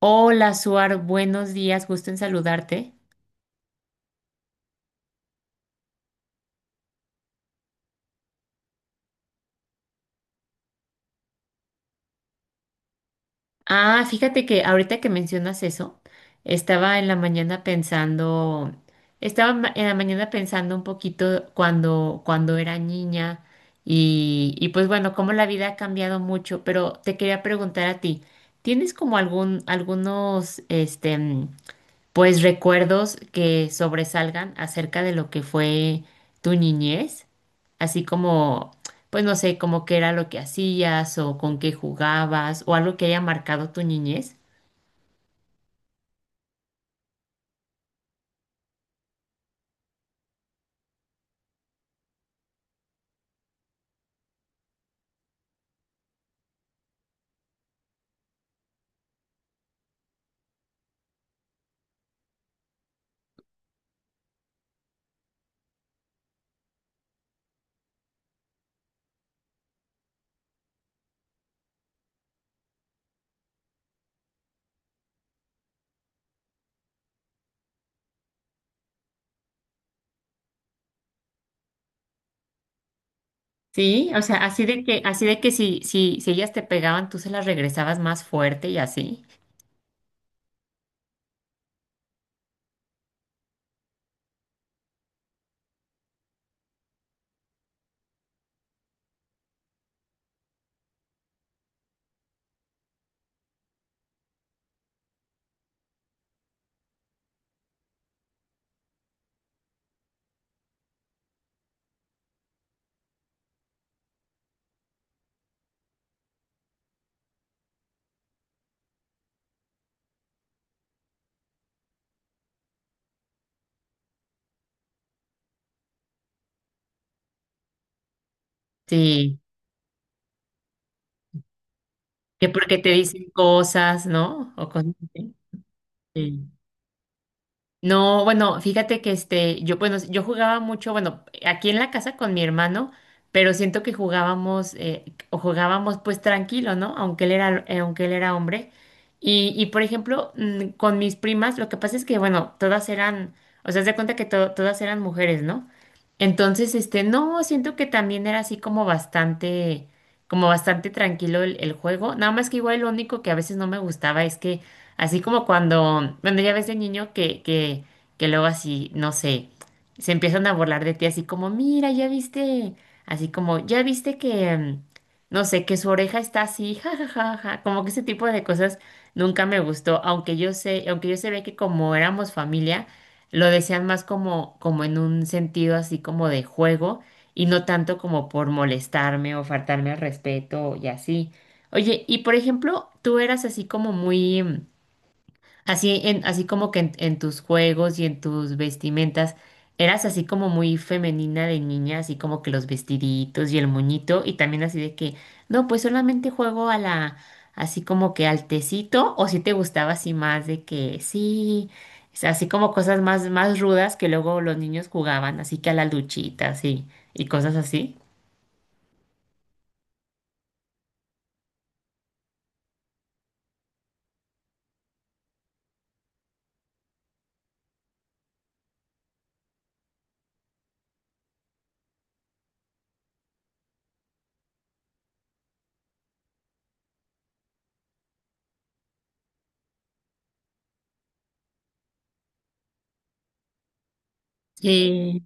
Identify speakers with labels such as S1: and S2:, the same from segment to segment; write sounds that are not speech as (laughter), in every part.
S1: Hola, Suar, buenos días, gusto en saludarte. Ah, fíjate que ahorita que mencionas eso, estaba en la mañana pensando, en la mañana pensando un poquito cuando era niña y pues bueno, cómo la vida ha cambiado mucho, pero te quería preguntar a ti, ¿tienes como algún, algunos, pues recuerdos que sobresalgan acerca de lo que fue tu niñez, así como, pues no sé, como qué era lo que hacías o con qué jugabas o algo que haya marcado tu niñez. Sí, o sea, así de que si ellas te pegaban, tú se las regresabas más fuerte y así. Sí, que porque te dicen cosas, ¿no? O cosas así. No, bueno, fíjate que este, yo, bueno, yo jugaba mucho, bueno, aquí en la casa con mi hermano, pero siento que jugábamos, o jugábamos pues tranquilo, ¿no? Aunque él era hombre. Y por ejemplo, con mis primas, lo que pasa es que, bueno, todas eran, o sea, haz de cuenta que todas eran mujeres, ¿no? Entonces, este, no, siento que también era así como bastante tranquilo el juego. Nada más que igual lo único que a veces no me gustaba es que así como cuando, bueno, ya ves de niño que luego así, no sé, se empiezan a burlar de ti así como, mira, ya viste, así como, ya viste que, no sé, que su oreja está así, ja, ja, ja, ja", como que ese tipo de cosas nunca me gustó, aunque yo sé, aunque yo sabía que como éramos familia, lo decían más como, como en un sentido así como de juego y no tanto como por molestarme o faltarme al respeto y así. Oye, y por ejemplo, tú eras así como muy... Así, en, así como que en tus juegos y en tus vestimentas, eras así como muy femenina de niña, así como que los vestiditos y el moñito, y también así de que, no, pues solamente juego a la, así como que al tecito, o si te gustaba así más de que sí, o sea, así como cosas más, más rudas que luego los niños jugaban, así que a la luchita, así, y cosas así. Sí.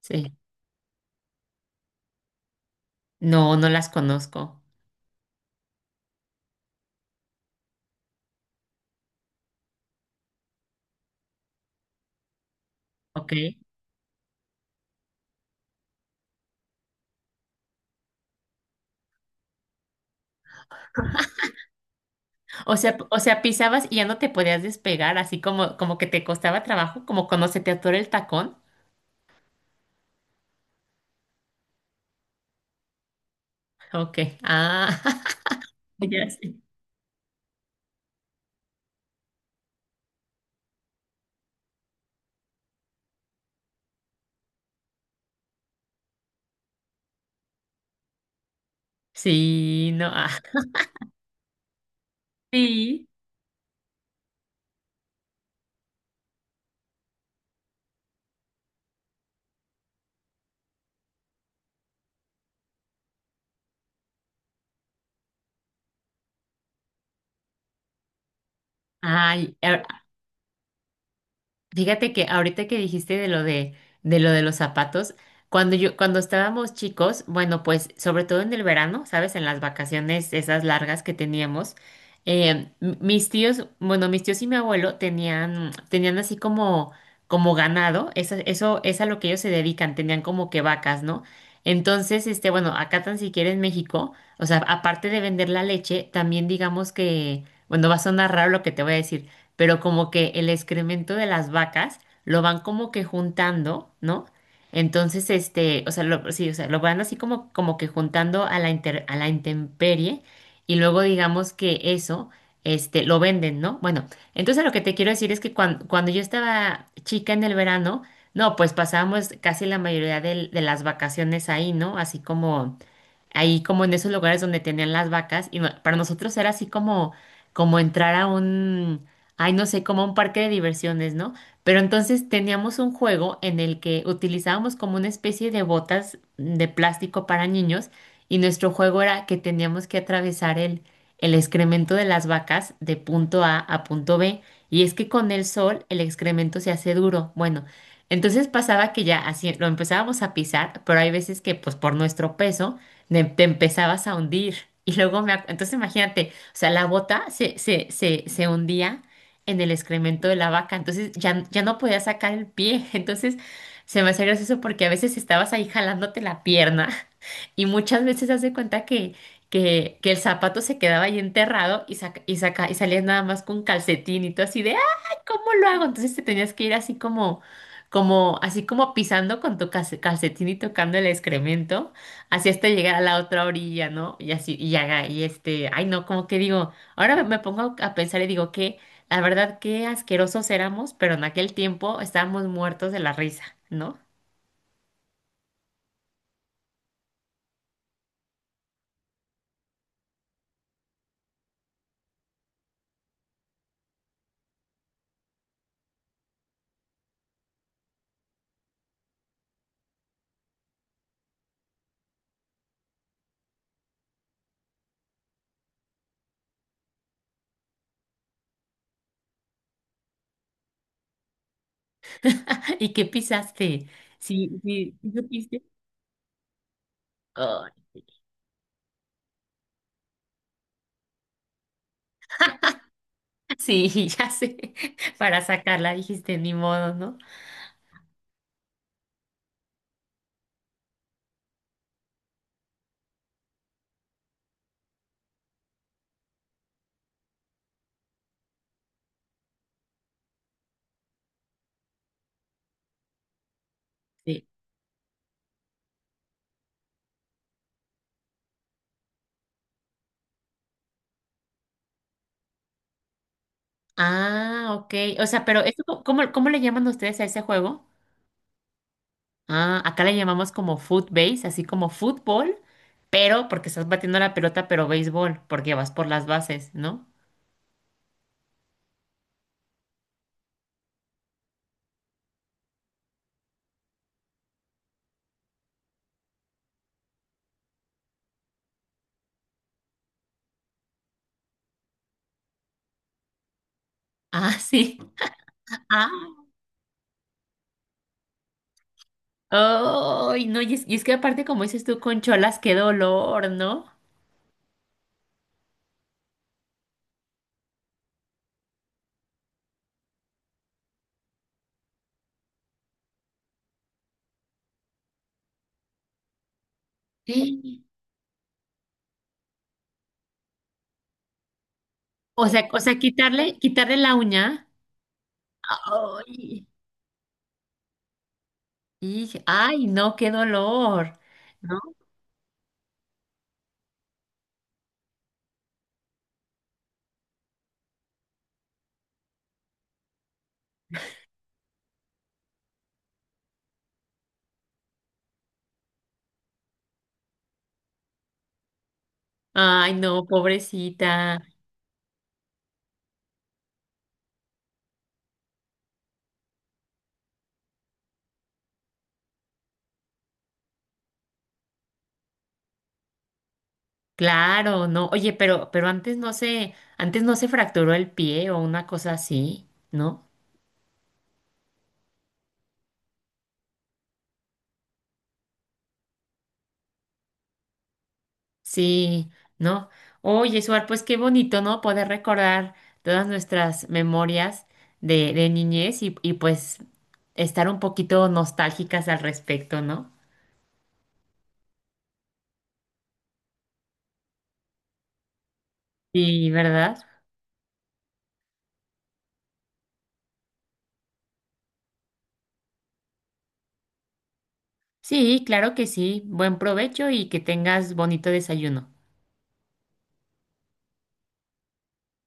S1: Sí. No, no las conozco. Ok. O sea, pisabas y ya no te podías despegar, así como, como que te costaba trabajo, como cuando se te atora el tacón. Ok. Ah, (laughs) ya sé. Sí, no. Ah, sí. Ay, a- Fíjate que ahorita que dijiste de lo de los zapatos, cuando yo, cuando estábamos chicos, bueno, pues sobre todo en el verano, ¿sabes? En las vacaciones esas largas que teníamos, mis tíos, bueno, mis tíos y mi abuelo tenían así como, como ganado, es a lo que ellos se dedican, tenían como que vacas, ¿no? Entonces, este, bueno, acá tan siquiera en México, o sea, aparte de vender la leche, también digamos que, bueno, va a sonar raro lo que te voy a decir pero como que el excremento de las vacas lo van como que juntando, ¿no? Entonces, este, o sea, lo, sí, o sea, lo van así como, como que juntando a la intemperie y luego digamos que eso, este, lo venden, ¿no? Bueno, entonces lo que te quiero decir es que cuando yo estaba chica en el verano, no, pues pasábamos casi la mayoría de las vacaciones ahí, ¿no? Así como ahí como en esos lugares donde tenían las vacas y para nosotros era así como como entrar a un ay, no sé, como un parque de diversiones, ¿no? Pero entonces teníamos un juego en el que utilizábamos como una especie de botas de plástico para niños y nuestro juego era que teníamos que atravesar el excremento de las vacas de punto A a punto B y es que con el sol el excremento se hace duro. Bueno, entonces pasaba que ya así lo empezábamos a pisar, pero hay veces que pues por nuestro peso te empezabas a hundir. Y luego entonces imagínate, o sea, la bota se hundía en el excremento de la vaca, entonces ya, ya no podía sacar el pie, (laughs) entonces se me hace gracioso porque a veces estabas ahí jalándote la pierna y muchas veces se hace cuenta que el zapato se quedaba ahí enterrado y, saca, y, saca, y salías nada más con calcetín y todo así de, ¡ay, cómo lo hago! Entonces te tenías que ir así como, como, así como pisando con tu calcetín y tocando el excremento, así hasta llegar a la otra orilla, ¿no? Y así, y haga, y este, ay no, como que digo, ahora me pongo a pensar y digo que, la verdad, qué asquerosos éramos, pero en aquel tiempo estábamos muertos de la risa, ¿no? (laughs) ¿Y qué pisaste? Sí, sí, sí supiste. Oh, sí, (laughs) ya sé. Para sacarla dijiste, ni modo, ¿no? Sí. Ah, ok. O sea, pero esto, ¿cómo, cómo le llaman ustedes a ese juego? Ah, acá le llamamos como foot base, así como fútbol, pero porque estás batiendo la pelota, pero béisbol, porque vas por las bases, ¿no? (laughs) Ah, sí. Ah. Ay, no, y es que aparte, como dices tú, con cholas, qué dolor, ¿no? Sí. O sea, quitarle, quitarle la uña. Ay. Y, ay, no, qué dolor, ¿no? Ay, no, pobrecita. Claro, no. Oye, pero antes no se fracturó el pie o una cosa así, ¿no? Sí, ¿no? Oye, Suar, pues qué bonito, ¿no? Poder recordar todas nuestras memorias de niñez y pues estar un poquito nostálgicas al respecto, ¿no? Sí, ¿verdad? Sí, claro que sí. Buen provecho y que tengas bonito desayuno.